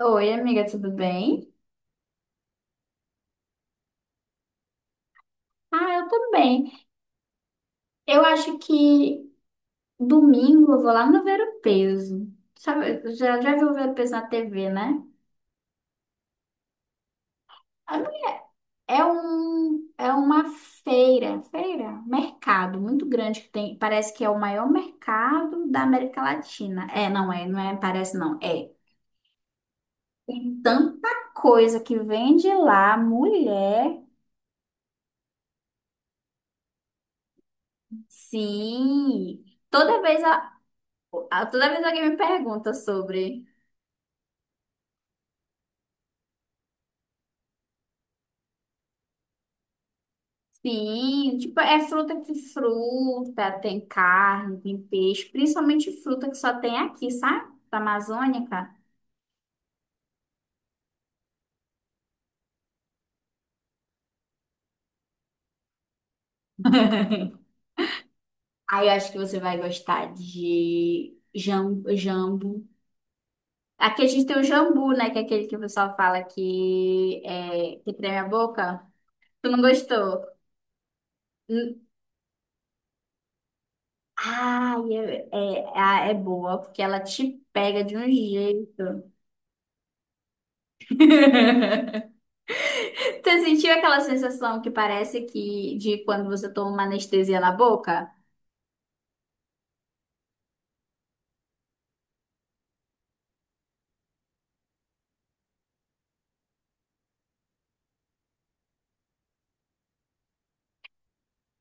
Oi, amiga, tudo bem? Ah, eu tô bem. Eu acho que domingo eu vou lá no Ver o Peso. Sabe, já viu o Ver o Peso na TV, né? É uma mercado muito grande que tem, parece que é o maior mercado da América Latina. É, parece não, é. Tem tanta coisa que vende lá, mulher. Sim. Toda vez a, Toda vez alguém me pergunta sobre. Sim, tipo, é fruta, tem carne, tem peixe, principalmente fruta que só tem aqui, sabe? Da Amazônica. Aí eu acho que você vai gostar de jambu. Aqui a gente tem o jambu, né? Que é aquele que o pessoal fala que, é, que treme a boca. Tu não gostou? Hum. Ai, é boa, porque ela te pega de um jeito. Tu sentiu aquela sensação que parece que de quando você toma uma anestesia na boca?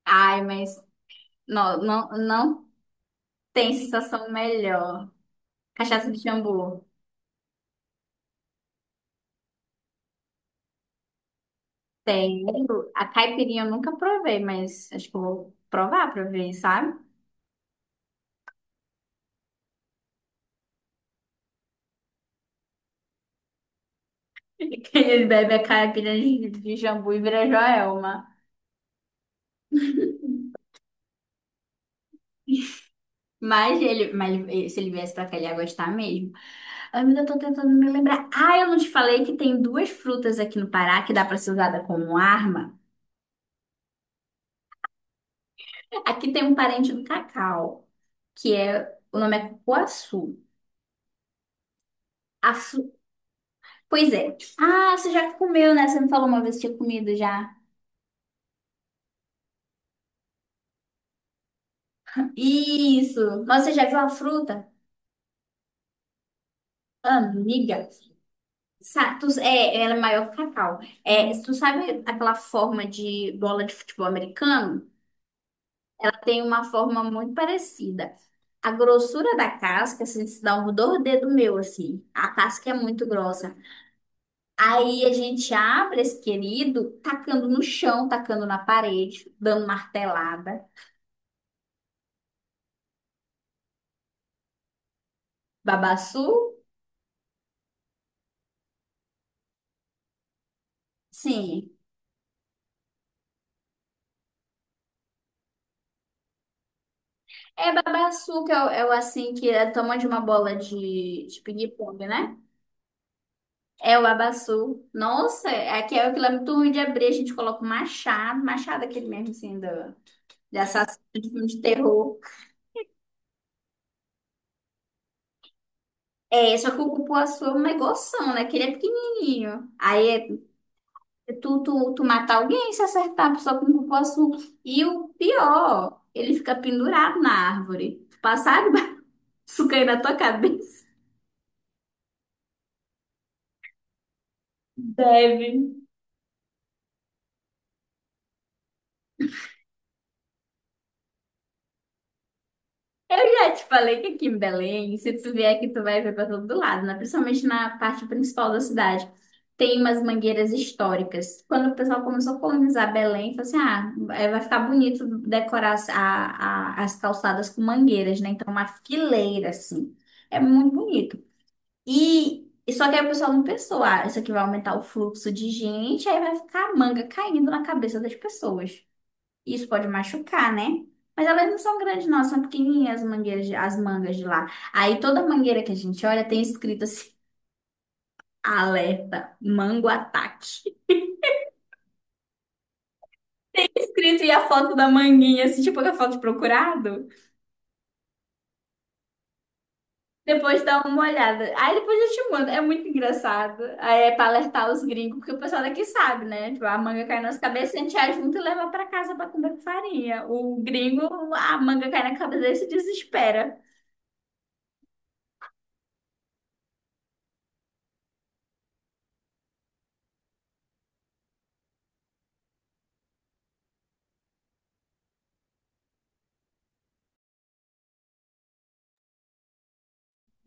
Ai, mas não, não, não tem sensação melhor. Cachaça de jambu. Tem. A caipirinha eu nunca provei, mas acho que eu vou provar pra ver, sabe? Que ele bebe a caipirinha de jambu e vira Joelma. Se ele viesse pra cá, ele ia gostar mesmo. Ai, mas eu tô tentando me lembrar. Ah, eu não te falei que tem duas frutas aqui no Pará que dá pra ser usada como arma? Aqui tem um parente do cacau, que é, o nome é cupuaçu. Pois é. Ah, você já comeu, né? Você me falou uma vez que tinha comido já. Isso. Mas você já viu a fruta? Amiga. É, ela é maior que cacau. É, tu sabe aquela forma de bola de futebol americano? Ela tem uma forma muito parecida. A grossura da casca, assim, se dá um do dedo meu, assim. A casca é muito grossa. Aí a gente abre esse querido, tacando no chão, tacando na parede, dando martelada. Babaçu? Sim. É babassu que é o, que é tamanho de uma bola de ping-pong, né? É o babassu. Nossa, aqui é aquilo é muito ruim de abrir, a gente coloca o machado, machado é aquele mesmo, assim, do, de assassino de filme de terror. É, só que o cupuaçu é um negoção, né? Que ele é pequenininho. Aí é tu matar alguém se acertar só com o cupuaçu. E o pior, ele fica pendurado na árvore. Passar de babaçu cair na tua cabeça. Deve. Eu já te falei que aqui em Belém, se tu vier aqui, tu vai ver para todo lado, né? Principalmente na parte principal da cidade. Tem umas mangueiras históricas. Quando o pessoal começou a colonizar Belém, falou assim: ah, eh, vai ficar bonito decorar as calçadas com mangueiras, né? Então, uma fileira, assim. É muito bonito. E só que aí o pessoal não pensou: ah, isso aqui vai aumentar o fluxo de gente, aí vai ficar a manga caindo na cabeça das pessoas. Isso pode machucar, né? Mas elas não são grandes, não, são pequenininhas as mangueiras, as mangas de lá. Aí toda mangueira que a gente olha tem escrito assim: alerta, mango ataque. Escrito e a foto da manguinha, assim, tipo a foto de procurado. Depois dá uma olhada. Aí depois eu te mando. É muito engraçado. Aí é pra alertar os gringos, porque o pessoal daqui sabe, né? Tipo, a manga cai nas cabeças, a gente ajunta e leva pra casa pra comer com farinha. O gringo, a manga cai na cabeça dele e se desespera.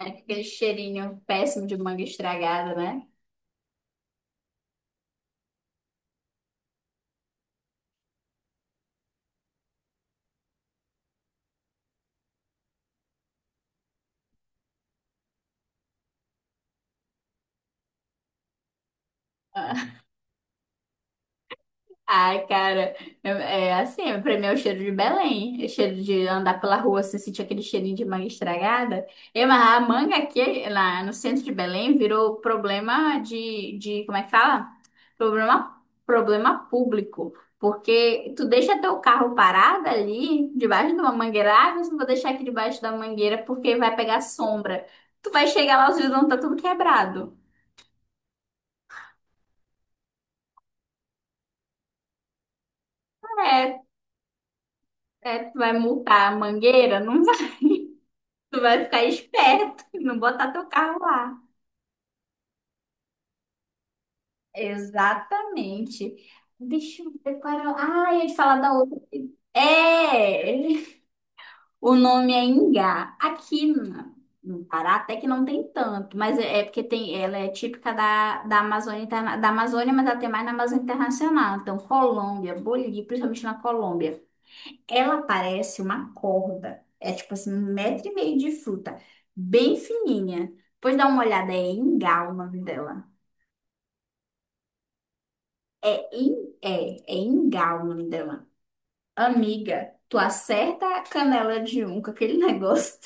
É aquele cheirinho péssimo de manga estragada, né? Ai, cara, é é assim, pra mim é o cheiro de Belém, é o cheiro de andar pela rua, assim, sentir aquele cheirinho de manga estragada. E, mas a manga aqui, lá no centro de Belém, virou problema como é que fala? Problema público, porque tu deixa teu carro parado ali, debaixo de uma mangueira, ah, mas não vou deixar aqui debaixo da mangueira porque vai pegar sombra. Tu vai chegar lá, os vidros vão estar tudo quebrado. É, É, tu vai multar a mangueira? Não vai. Tu vai ficar esperto, não botar teu carro lá. Exatamente. Deixa eu ver qual era. Ah, ia te falar da outra. É! O nome é Ingá. No Pará até que não tem tanto, mas é porque tem, ela é típica da, da Amazônia, da Amazônia, mas ela tem mais na Amazônia Internacional. Então, Colômbia, Bolívia, principalmente na Colômbia. Ela parece uma corda. É tipo assim, um metro e meio de fruta. Bem fininha. Pois dá uma olhada, é Engal o nome dela. É, in, é Engal o nome dela. Amiga, tu acerta a canela de um com aquele negócio.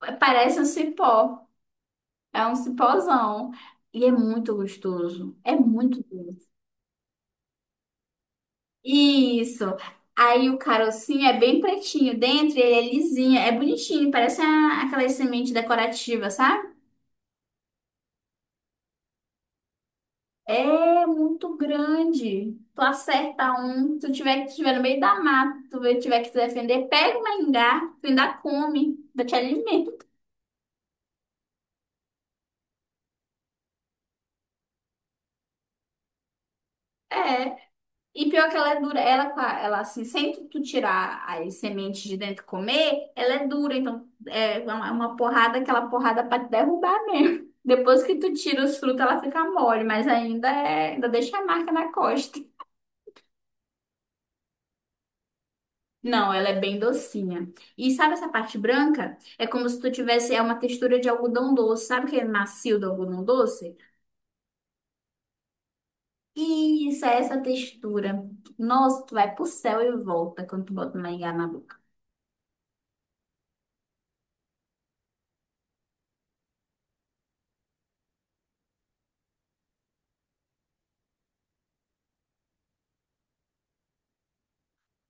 Parece um cipó. É um cipózão. E é muito gostoso. É muito doce. Isso. Aí o carocinho é bem pretinho dentro, ele é lisinho, é bonitinho, parece aquelas sementes decorativas, sabe? É muito grande. Tu acerta um, se tiver no meio da mata, tiver que se defender, pega uma engar, tu ainda come, ainda te alimenta. É. E pior que ela é dura, ela, ela assim, sem tu tirar as sementes de dentro e comer, ela é dura, então é uma porrada, aquela porrada pra te derrubar mesmo. Depois que tu tira os frutos, ela fica mole, mas ainda deixa a marca na costa. Não, ela é bem docinha. E sabe essa parte branca? É como se tu tivesse é uma textura de algodão doce. Sabe aquele macio do algodão doce? Isso, é essa textura. Nossa, tu vai pro céu e volta quando tu bota mingau na boca.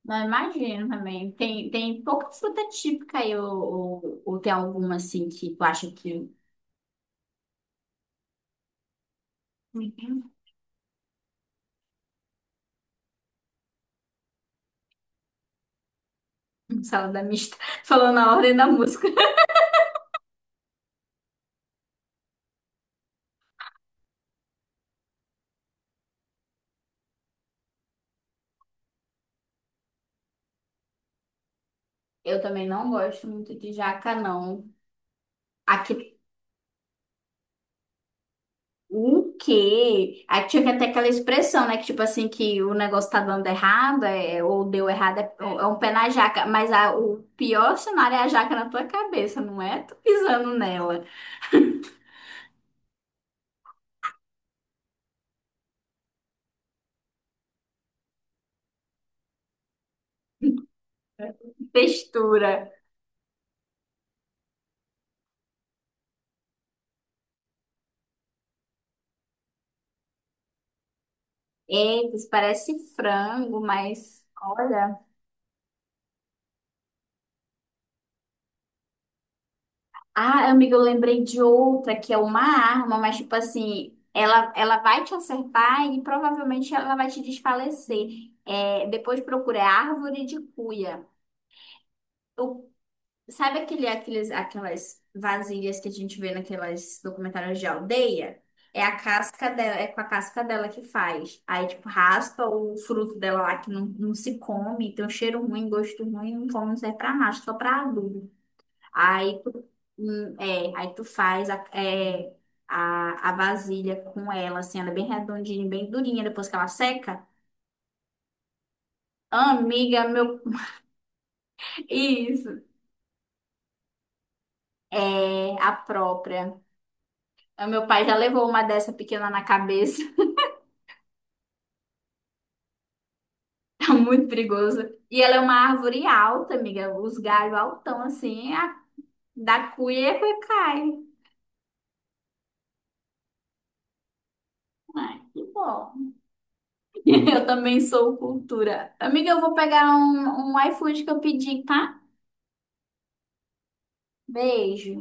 Não, imagino também. Tem, tem pouca fruta típica aí, ou tem alguma assim que tu acha que. Uhum. Salada mista, falando na ordem da música. Eu também não gosto muito de jaca, não. Aqui o quê? Aí tinha até aquela expressão, né? Que tipo assim, que o negócio tá dando errado, é, ou deu errado, é, é um pé na jaca. Mas o pior cenário é a jaca na tua cabeça, não é? Tu pisando nela. Textura. Eita, isso parece frango, mas olha. Ah, amiga, eu lembrei de outra que é uma arma, mas tipo assim, ela vai te acertar e provavelmente ela vai te desfalecer. É, depois procura é árvore de cuia. Sabe aquelas vasilhas que a gente vê naquelas documentários de aldeia? É a casca dela, é com a casca dela que faz. Aí, tipo, raspa o fruto dela lá que não se come, tem um cheiro ruim, gosto ruim, não come, não serve pra nada, só pra adubo. Aí aí tu faz a, é, a vasilha com ela, assim, ela é bem redondinha, bem durinha, depois que ela seca. Amiga, meu. Isso. É a própria. O meu pai já levou uma dessa pequena na cabeça. Tá muito perigoso. E ela é uma árvore alta, amiga. Os galhos altão, assim. A, da cuia, a cai. Ai, que bom. Eu também sou cultura. Amiga, eu vou pegar um iFood que eu pedi, tá? Beijo.